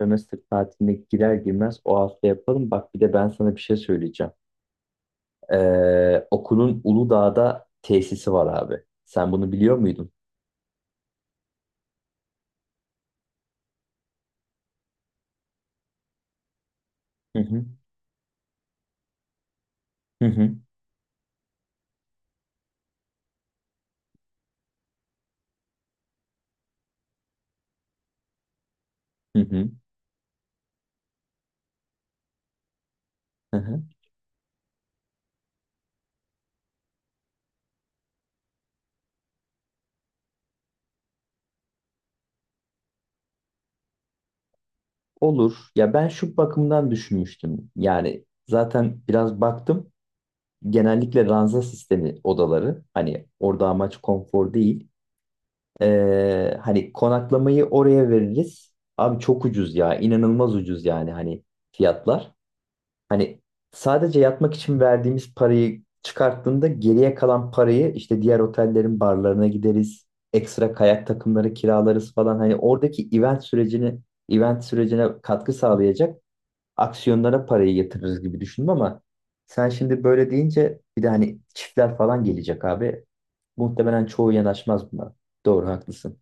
Sömestr tatiline girer girmez o hafta yapalım. Bak bir de ben sana bir şey söyleyeceğim. Okulun Uludağ'da tesisi var abi. Sen bunu biliyor muydun? Hı hı. Hı hı. Hı hı. Hı hı. Olur. Ya ben şu bakımdan düşünmüştüm. Yani zaten biraz baktım. Genellikle ranza sistemi odaları. Hani orada amaç konfor değil. Hani konaklamayı oraya veririz. Abi çok ucuz ya. İnanılmaz ucuz yani hani fiyatlar. Hani sadece yatmak için verdiğimiz parayı çıkarttığında geriye kalan parayı işte diğer otellerin barlarına gideriz. Ekstra kayak takımları kiralarız falan. Hani oradaki event sürecini event sürecine katkı sağlayacak aksiyonlara parayı yatırırız gibi düşündüm ama sen şimdi böyle deyince bir de hani çiftler falan gelecek abi. Muhtemelen çoğu yanaşmaz buna. Doğru haklısın.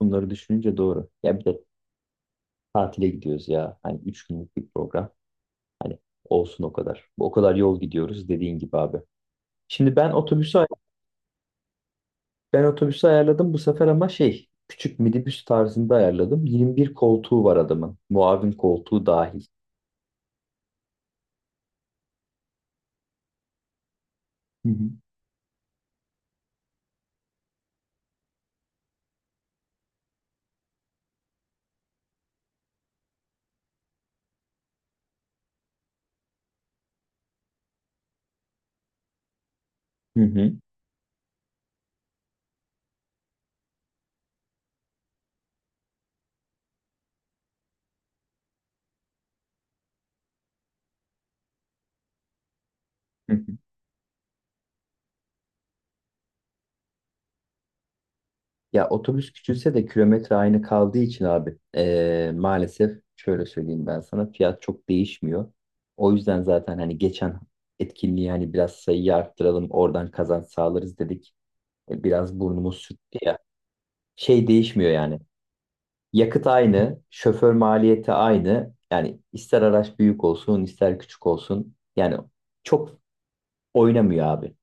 Bunları düşününce doğru. Ya bir de tatile gidiyoruz ya. Hani 3 günlük bir program. Hani olsun o kadar. O kadar yol gidiyoruz dediğin gibi abi. Şimdi ben otobüsü ben otobüsü ayarladım bu sefer ama şey küçük minibüs tarzında ayarladım. 21 koltuğu var adamın. Muavin koltuğu dahil. Hı hı. Hı hı. Hı hı. Ya otobüs küçülse de kilometre aynı kaldığı için abi maalesef şöyle söyleyeyim ben sana fiyat çok değişmiyor. O yüzden zaten hani geçen etkinliği hani biraz sayıyı arttıralım oradan kazanç sağlarız dedik. Biraz burnumuz sürttü ya. Şey değişmiyor yani. Yakıt aynı, şoför maliyeti aynı. Yani ister araç büyük olsun, ister küçük olsun. Yani çok oynamıyor abi.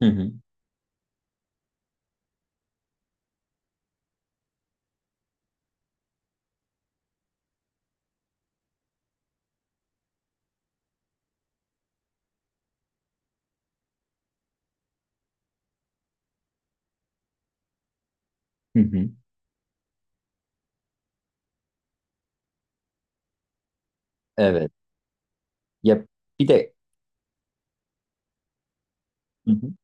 Hı hı. Hı hı. Evet. Ya bir de. Hı hı.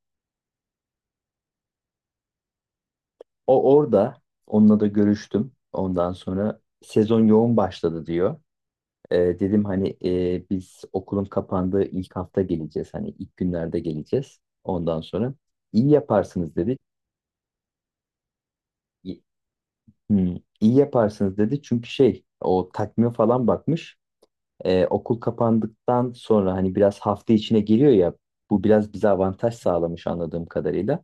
O orada onunla da görüştüm. Ondan sonra sezon yoğun başladı diyor. Dedim hani biz okulun kapandığı ilk hafta geleceğiz. Hani ilk günlerde geleceğiz. Ondan sonra iyi yaparsınız dedi. İyi, Hı, iyi yaparsınız dedi. Çünkü şey o takvime falan bakmış. Okul kapandıktan sonra hani biraz hafta içine geliyor ya bu biraz bize avantaj sağlamış anladığım kadarıyla.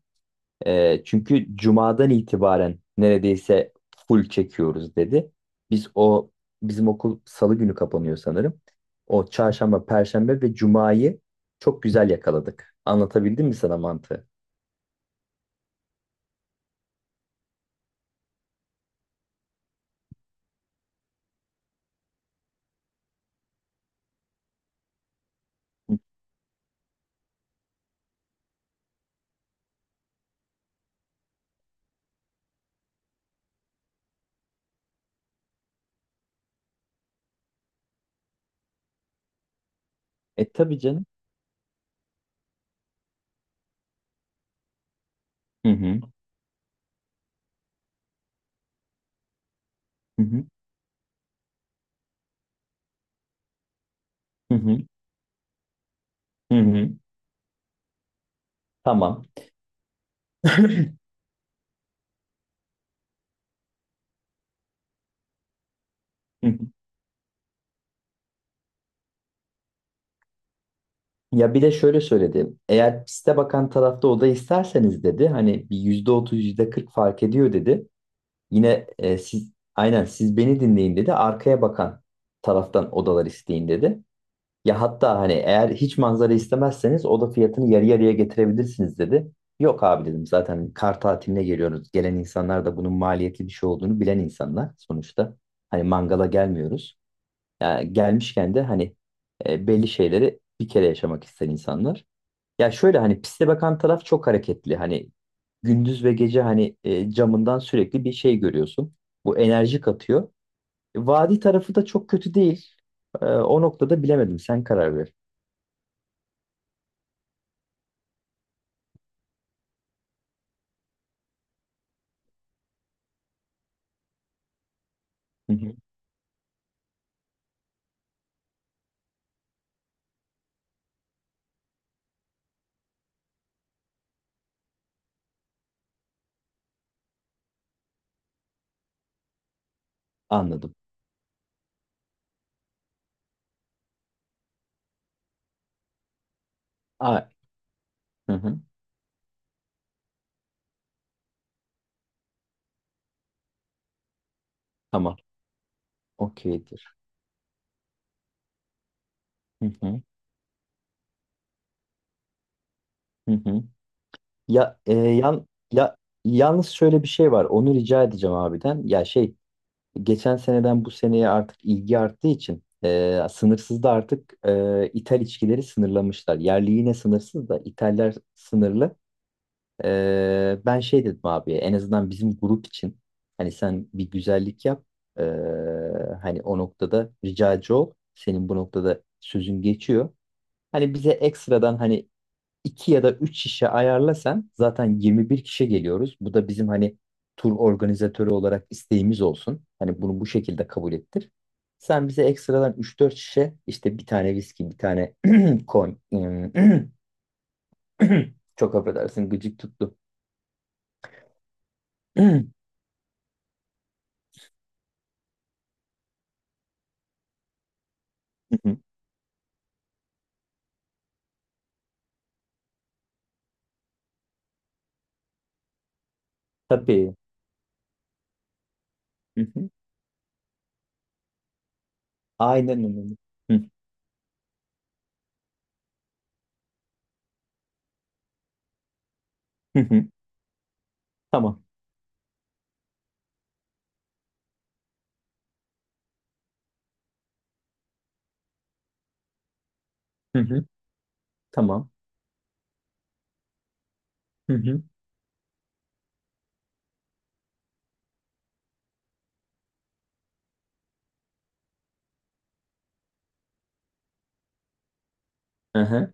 Çünkü cumadan itibaren neredeyse full çekiyoruz dedi. Biz o bizim okul salı günü kapanıyor sanırım. O çarşamba, perşembe ve cumayı çok güzel yakaladık. Anlatabildim mi sana mantığı? Tabii canım. Hı hı. Hı hı. Hı hı. Hı hı. Tamam. Hı hı. Ya bir de şöyle söyledi. Eğer piste bakan tarafta oda isterseniz dedi. Hani bir %30 yüzde kırk fark ediyor dedi. Yine siz aynen siz beni dinleyin dedi. Arkaya bakan taraftan odalar isteyin dedi. Ya hatta hani eğer hiç manzara istemezseniz oda fiyatını yarı yarıya getirebilirsiniz dedi. Yok abi dedim zaten kar tatiline geliyoruz. Gelen insanlar da bunun maliyetli bir şey olduğunu bilen insanlar sonuçta. Hani mangala gelmiyoruz. Yani gelmişken de hani belli şeyleri bir kere yaşamak isteyen insanlar. Ya şöyle hani piste bakan taraf çok hareketli. Hani gündüz ve gece hani camından sürekli bir şey görüyorsun. Bu enerji katıyor. Vadi tarafı da çok kötü değil. O noktada bilemedim. Sen karar ver. Hı hı. Anladım. A hı hı. Tamam. Okeydir. Hı hı. Hı hı. Ya e, yan ya yalnız şöyle bir şey var. Onu rica edeceğim abiden. Ya şey geçen seneden bu seneye artık ilgi arttığı için sınırsız da artık ithal içkileri sınırlamışlar. Yerli yine sınırsız da ithaller sınırlı. Ben şey dedim abi en azından bizim grup için hani sen bir güzellik yap. E, hani o noktada ricacı ol. Senin bu noktada sözün geçiyor. Hani bize ekstradan hani 2 ya da 3 şişe ayarlasan zaten 21 kişi geliyoruz. Bu da bizim hani tur organizatörü olarak isteğimiz olsun. Hani bunu bu şekilde kabul ettir. Sen bize ekstradan üç dört şişe işte bir tane viski, bir tane kon çok affedersin gıcık tuttu. Hı hı. Tabii. Hı hı. Aynen öyle. Hı hı. hı. Tamam. Hı hı. Tamam. Hı hı. Hı hı.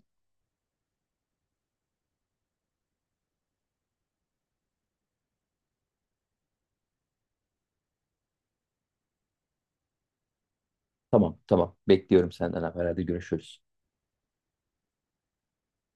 Tamam, tamam. Bekliyorum senden haber. Hadi görüşürüz.